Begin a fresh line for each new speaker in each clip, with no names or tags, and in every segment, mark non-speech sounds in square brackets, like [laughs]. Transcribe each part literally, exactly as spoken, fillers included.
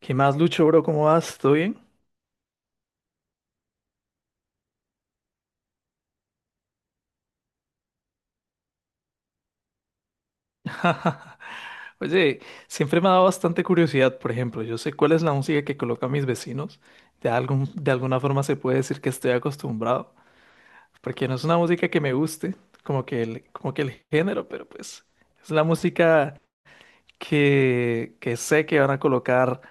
¿Qué más, Lucho, bro? ¿Cómo vas? ¿Todo bien? [laughs] Oye, siempre me ha dado bastante curiosidad. Por ejemplo, yo sé cuál es la música que colocan mis vecinos, de algún, de alguna forma se puede decir que estoy acostumbrado, porque no es una música que me guste, como que el, como que el género, pero pues es la música que, que sé que van a colocar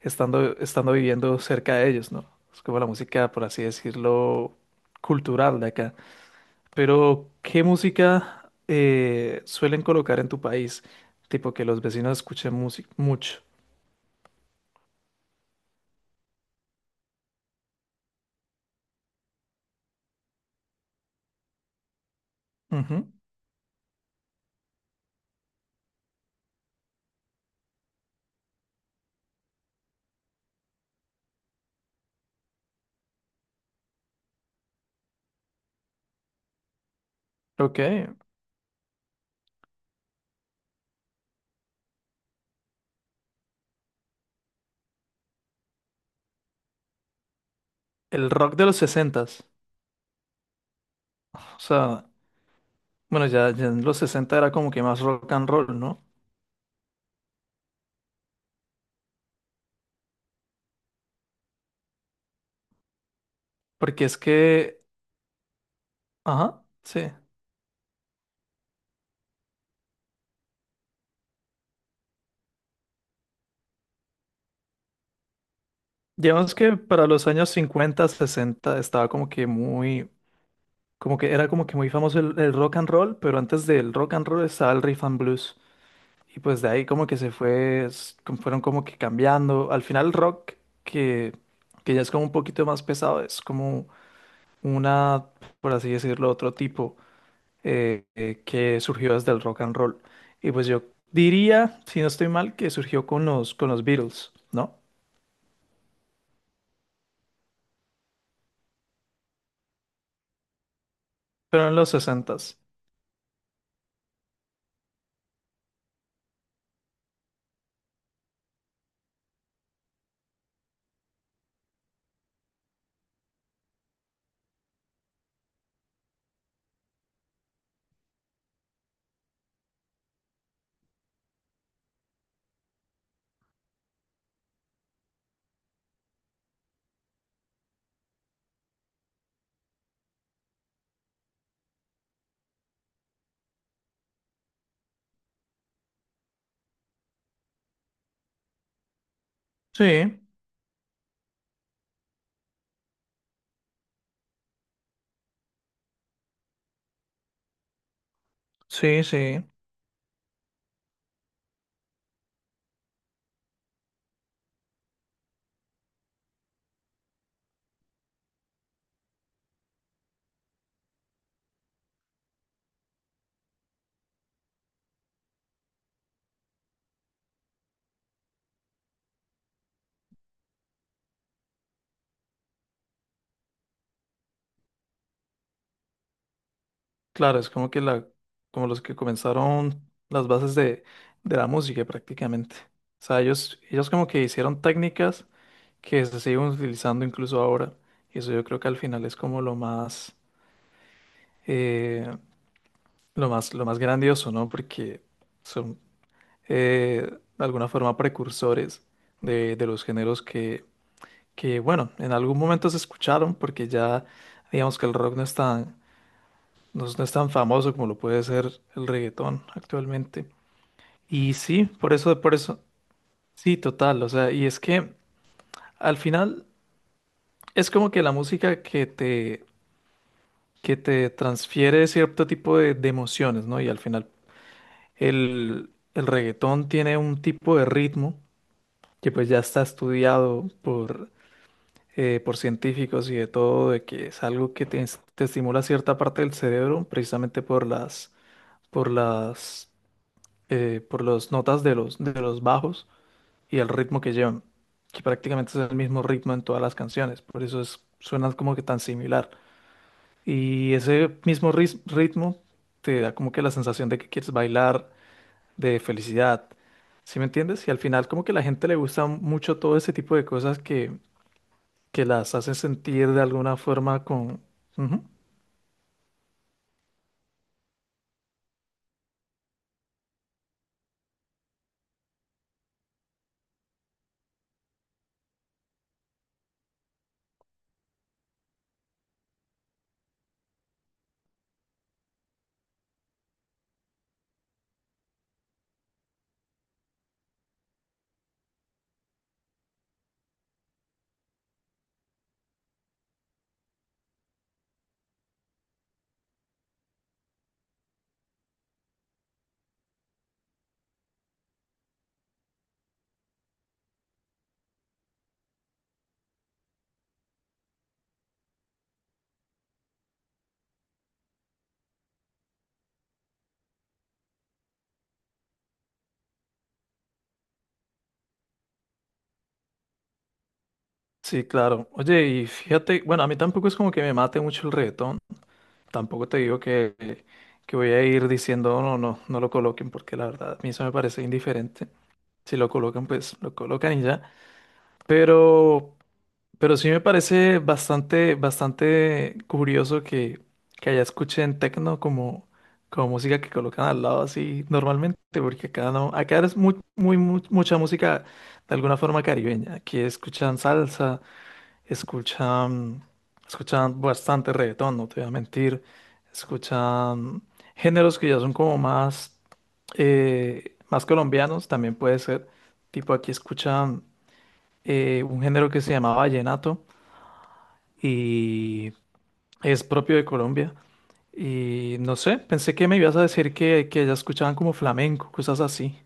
estando, estando viviendo cerca de ellos, ¿no? Es como la música, por así decirlo, cultural de acá. Pero, ¿qué música eh, suelen colocar en tu país? Tipo que los vecinos escuchen música mucho. Ujú. Ok, el rock de los sesentas. O sea, bueno, ya, ya en los sesenta era como que más rock and roll, ¿no? Porque es que, ajá, sí. Digamos que para los años cincuenta sesenta estaba como que muy, como que era como que muy famoso el, el rock and roll, pero antes del rock and roll estaba el riff and blues. Y pues de ahí como que se fue, s- como fueron como que cambiando. Al final el rock, que, que ya es como un poquito más pesado, es como una, por así decirlo, otro tipo eh, eh, que surgió desde el rock and roll. Y pues yo diría, si no estoy mal, que surgió con los, con los Beatles, ¿no? Pero en los sesentas. Sí, sí, sí. Claro, es como que la, como los que comenzaron las bases de, de la música prácticamente. O sea, ellos, ellos como que hicieron técnicas que se siguen utilizando incluso ahora. Y eso yo creo que al final es como lo más, eh, lo más, lo más grandioso, ¿no? Porque son eh, de alguna forma precursores de, de los géneros que, que, bueno, en algún momento se escucharon porque ya digamos que el rock no es tan, no, es no es tan famoso como lo puede ser el reggaetón actualmente. Y sí, por eso, por eso, sí, total. O sea, y es que al final es como que la música que te que te transfiere cierto tipo de, de emociones, ¿no? Y al final el, el reggaetón tiene un tipo de ritmo que pues ya está estudiado por, eh, por científicos y de todo, de que es algo que te, es- te estimula cierta parte del cerebro precisamente por las, por las, eh, por las notas de los, de los bajos y el ritmo que llevan, que prácticamente es el mismo ritmo en todas las canciones, por eso es, suenan como que tan similar. Y ese mismo ris- ritmo te da como que la sensación de que quieres bailar, de felicidad. ¿Sí me entiendes? Y al final como que a la gente le gusta mucho todo ese tipo de cosas que, que las hacen sentir de alguna forma con... Ujú. Sí, claro. Oye, y fíjate, bueno, a mí tampoco es como que me mate mucho el reggaetón. Tampoco te digo que, que voy a ir diciendo, no, no, no no lo coloquen, porque la verdad a mí eso me parece indiferente. Si lo colocan, pues lo colocan y ya. Pero... Pero sí me parece bastante, bastante curioso que, que allá escuchen techno como, como música que colocan al lado así normalmente, porque acá no, acá es muy, muy, mu- mucha música de alguna forma caribeña. Aquí escuchan salsa, escuchan, escuchan bastante reggaetón, no te voy a mentir, escuchan géneros que ya son como más, eh, más colombianos, también puede ser. Tipo aquí escuchan eh, un género que se llama vallenato y es propio de Colombia. Y no sé, pensé que me ibas a decir que, que ya escuchaban como flamenco, cosas así.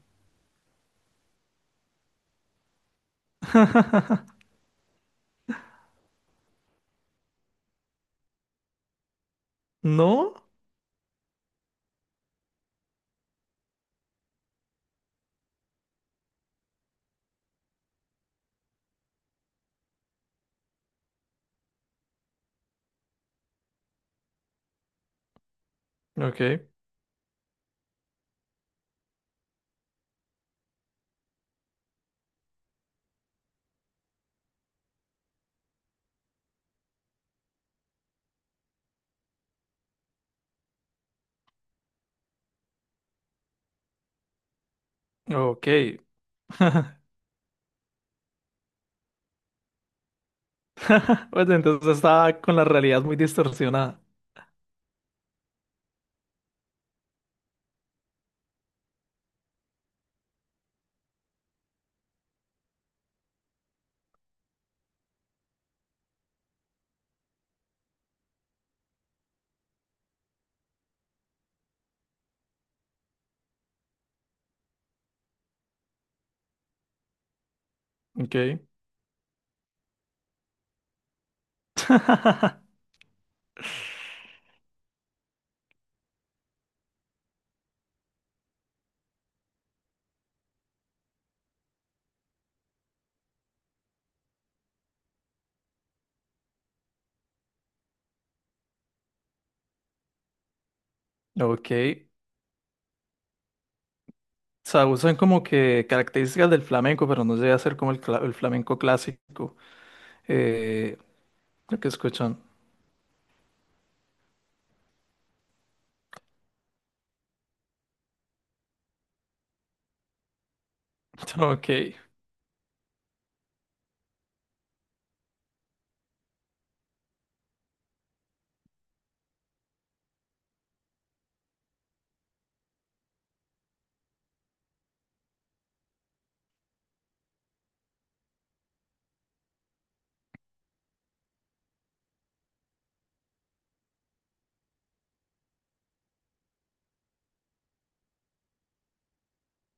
¿No? Ok, ok. [laughs] Bueno, entonces estaba con la realidad muy distorsionada. Ok. [laughs] Ok. O sea, usan como que características del flamenco, pero no llega a ser como el, cla- el flamenco clásico. Eh, lo que escuchan. [laughs] Ok.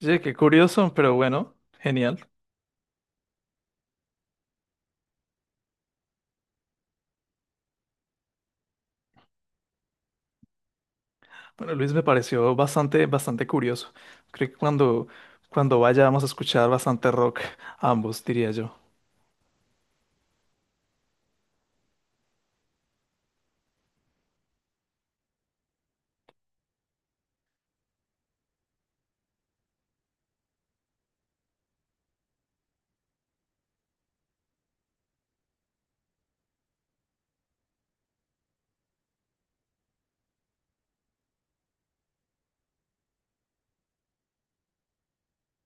Sí, qué curioso, pero bueno, genial. Bueno, Luis, me pareció bastante, bastante curioso. Creo que cuando, cuando vayamos a escuchar bastante rock, ambos, diría yo.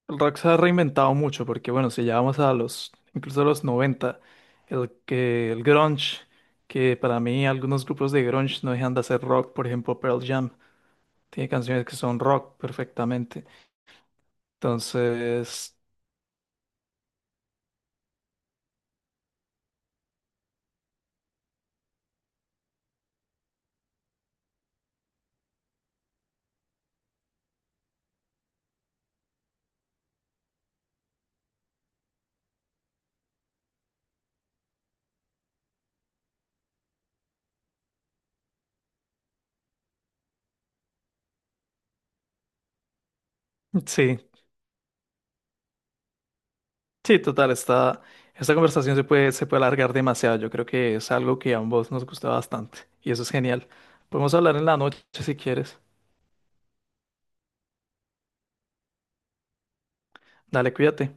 El rock se ha reinventado mucho porque, bueno, si ya vamos a los, incluso a los noventa, el que, el grunge, que para mí algunos grupos de grunge no dejan de hacer rock, por ejemplo, Pearl Jam, tiene canciones que son rock perfectamente. Entonces, sí. Sí, total, esta, esta conversación se puede, se puede alargar demasiado. Yo creo que es algo que a ambos nos gusta bastante y eso es genial. Podemos hablar en la noche si quieres. Dale, cuídate.